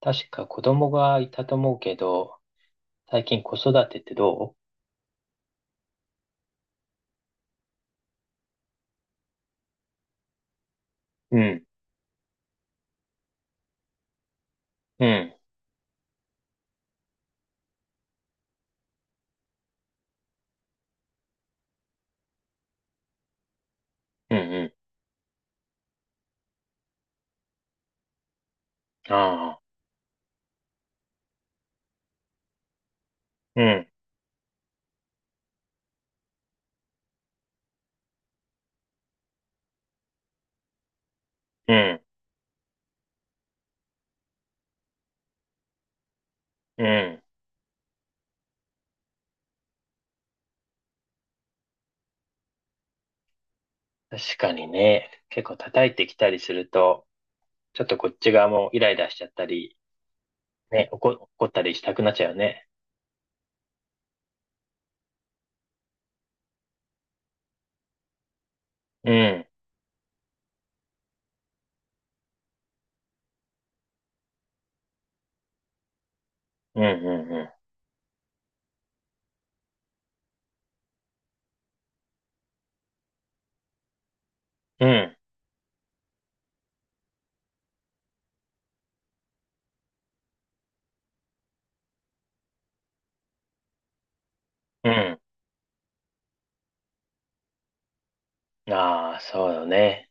確か子供がいたと思うけど、最近子育てってどううん、うん、うん、うん。ああ、うん、うん、うん。確かにね、結構叩いてきたりすると、ちょっとこっち側もイライラしちゃったり、ね、怒ったりしたくなっちゃうよね。うん、うん、うん、うん、うん、うああ、そうよね。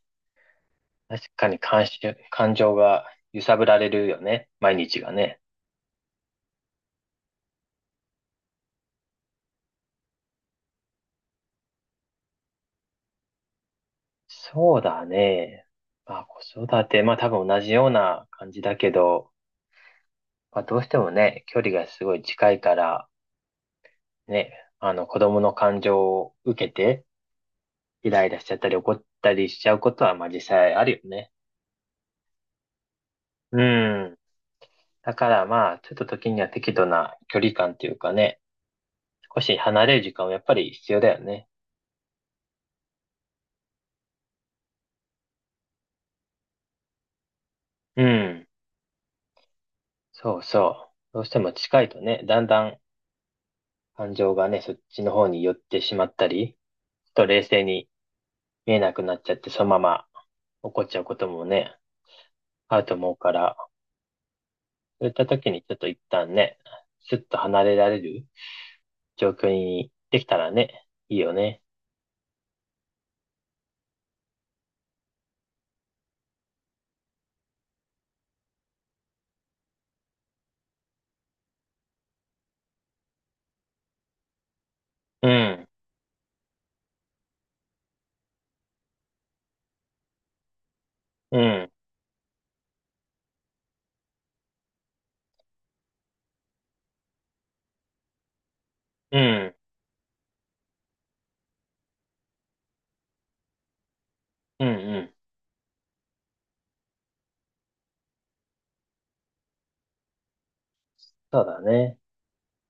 確かに感情が揺さぶられるよね。毎日がね。そうだね。まあ、子育て、まあ多分同じような感じだけど、まあどうしてもね、距離がすごい近いから、ね、あの子供の感情を受けて、イライラしちゃったり怒ったりしちゃうことは、まあ実際あるよね。うん。だからまあ、ちょっと時には適度な距離感っていうかね、少し離れる時間はやっぱり必要だよね。うん。そうそう。どうしても近いとね、だんだん感情がね、そっちの方に寄ってしまったり、ちょっと冷静に見えなくなっちゃって、そのまま起こっちゃうこともね、あると思うから、そういった時にちょっと一旦ね、スッと離れられる状況にできたらね、いいよね。うん、うん、うん、うん、うん。そうだね。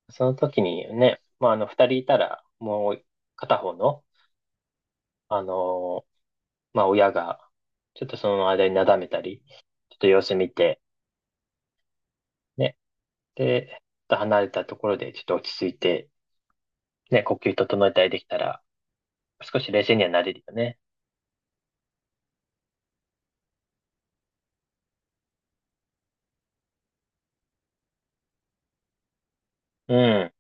その時にね、まあ、あの、二人いたら、もう片方の、あのーまあ、親が、ちょっとその間になだめたり、ちょっと様子見て、ね、で、ちょっと離れたところで、ちょっと落ち着いて、ね、呼吸整えたりできたら、少し冷静にはなれるよね。うん、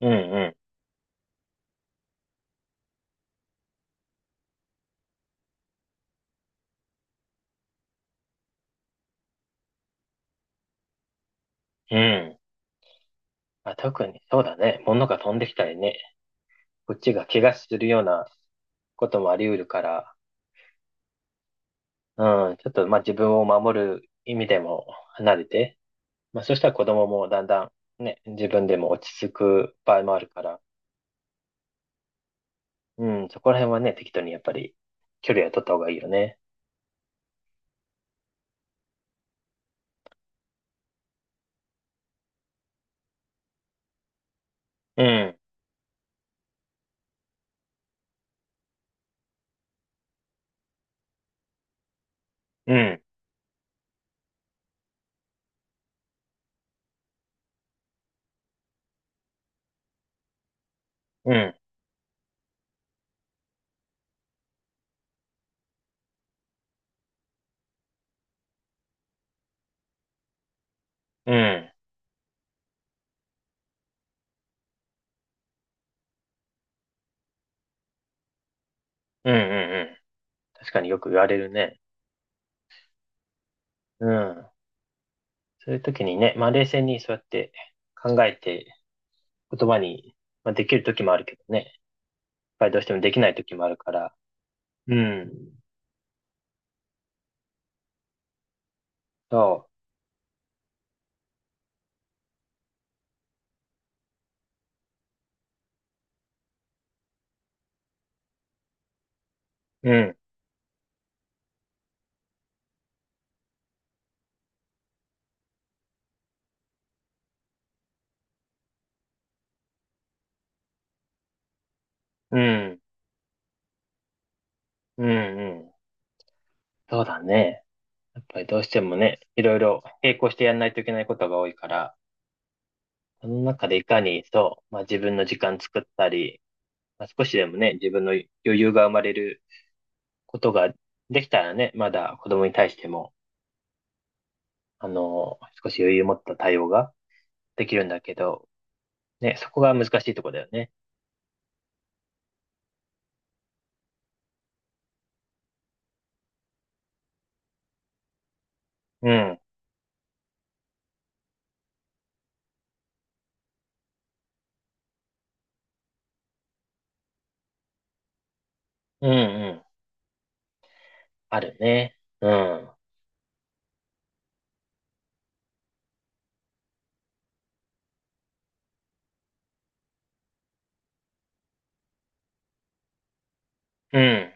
うん、うん、うん。まあ、特にそうだね。物が飛んできたりね。こっちが怪我するようなこともあり得るから、うん、ちょっとまあ自分を守る意味でも離れて、まあそしたら子供もだんだんね、自分でも落ち着く場合もあるから、うん、そこら辺はね、適当にやっぱり距離は取った方がいいよね。うん、うん、うん、うん、うん、うん、うん。確かによく言われるね。うん。そういう時にね、まあ冷静にそうやって考えて言葉に、まあ、できる時もあるけどね、やっぱりどうしてもできない時もあるから、うん、そう、うん、うん、うん、うん、そうだね。やっぱりどうしてもね、いろいろ並行してやんないといけないことが多いから、その中でいかにそう、まあ自分の時間作ったり、まあ、少しでもね、自分の余裕が生まれることができたらね、まだ子供に対しても、あの、少し余裕を持った対応ができるんだけど、ね、そこが難しいとこだよね。うん。うん、うん。あるね。うん。うん。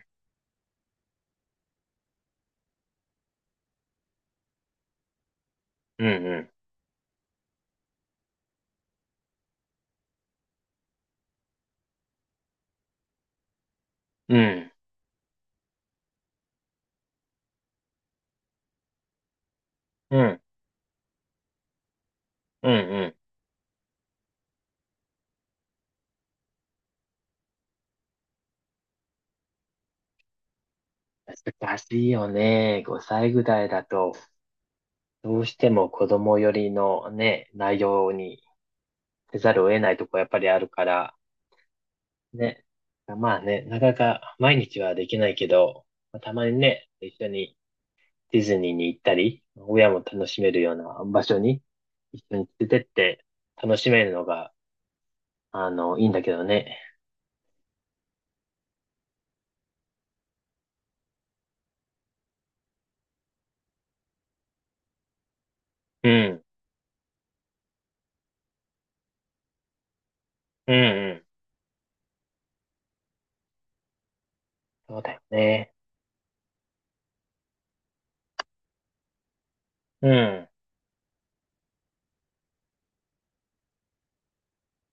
うん、うん。うん。うん。うん、うん。難しいよね。5歳ぐらいだと、どうしても子供寄りのね、内容にせざるを得ないとこやっぱりあるから、ね。まあね、なかなか毎日はできないけど、まあたまにね、一緒にディズニーに行ったり、親も楽しめるような場所に一緒に連れてって楽しめるのがあの、いいんだけどね。うん、うん、うん。そうだよね。うん、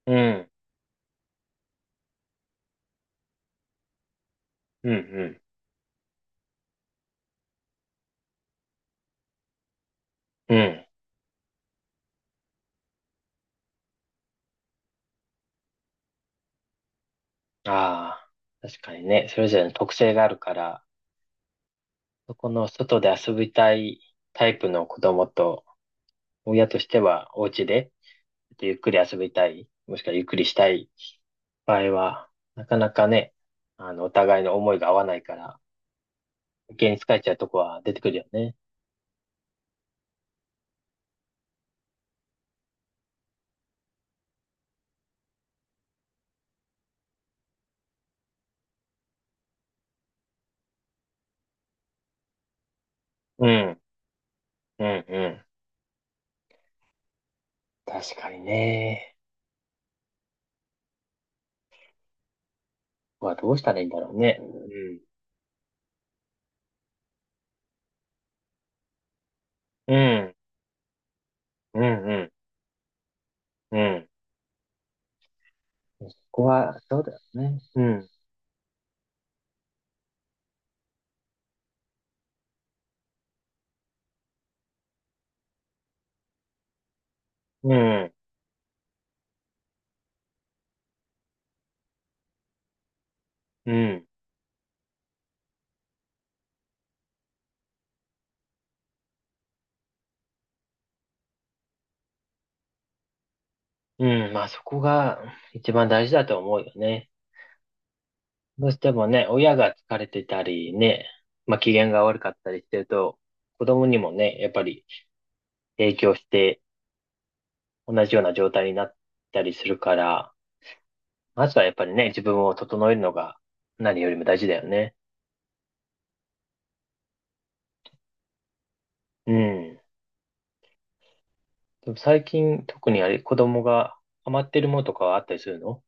うん、うん、うん、うん。ああ、確かにね。それぞれの特性があるから、そこの外で遊びたいタイプの子供と、親としてはお家で、ちょっとゆっくり遊びたい、もしくはゆっくりしたい場合は、なかなかね、あの、お互いの思いが合わないから、余計に疲れちゃうとこは出てくるよね。うん、うん、うん。確かにね。はどうしたらいいんだろうね。うん。うん。うん。うん。うんそこは、そうだよね。うん。うん。うん。うん。まあそこが一番大事だと思うよね。どうしてもね、親が疲れてたりね、まあ機嫌が悪かったりしてると、子供にもね、やっぱり影響して同じような状態になったりするから、まずはやっぱりね、自分を整えるのが何よりも大事だよね。うん。でも最近特にあれ、子供がハマってるものとかはあったりするの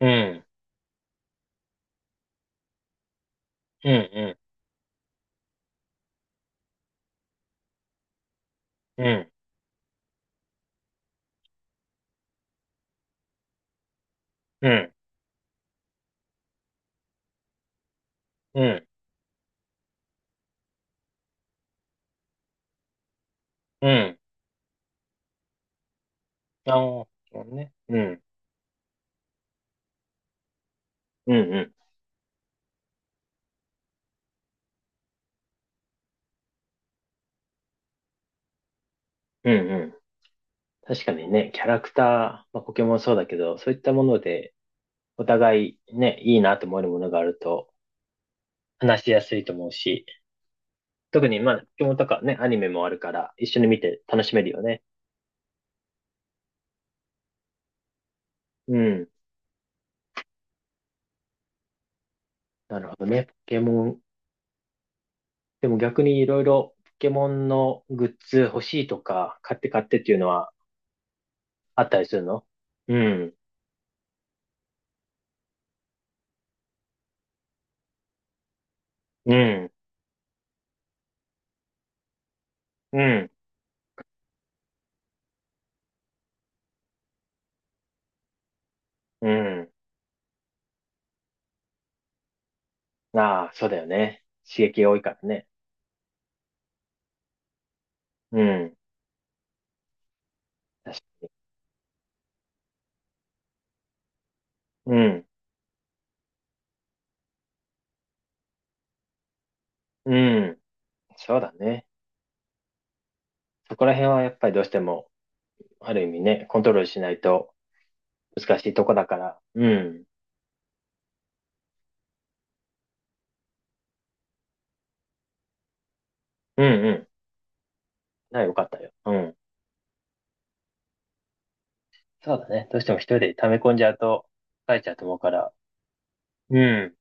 うん、うん、うん、うん、うん、うん、うん。ああ、そうね。うん、うん、うん、うん、うん。確かにね、キャラクター、まあ、ポケモンそうだけど、そういったもので、お互いね、いいなと思えるものがあると、話しやすいと思うし、特にまあ、ポケモンとかね、アニメもあるから、一緒に見て楽しめるよね。うん。なるほどね。ポケモンでも逆にいろいろポケモンのグッズ欲しいとか、買って買ってっていうのはあったりするのうん、うん、うん、うん。ああ、そうだよね。刺激が多いからね。うん、確かに。うん、うん、そうだね。そこら辺はやっぱりどうしても、ある意味ね、コントロールしないと難しいとこだから。うん、うん、うん。な、よかったよ。うん。そうだね。どうしても一人で溜め込んじゃうと、疲れちゃうと思うから。うん。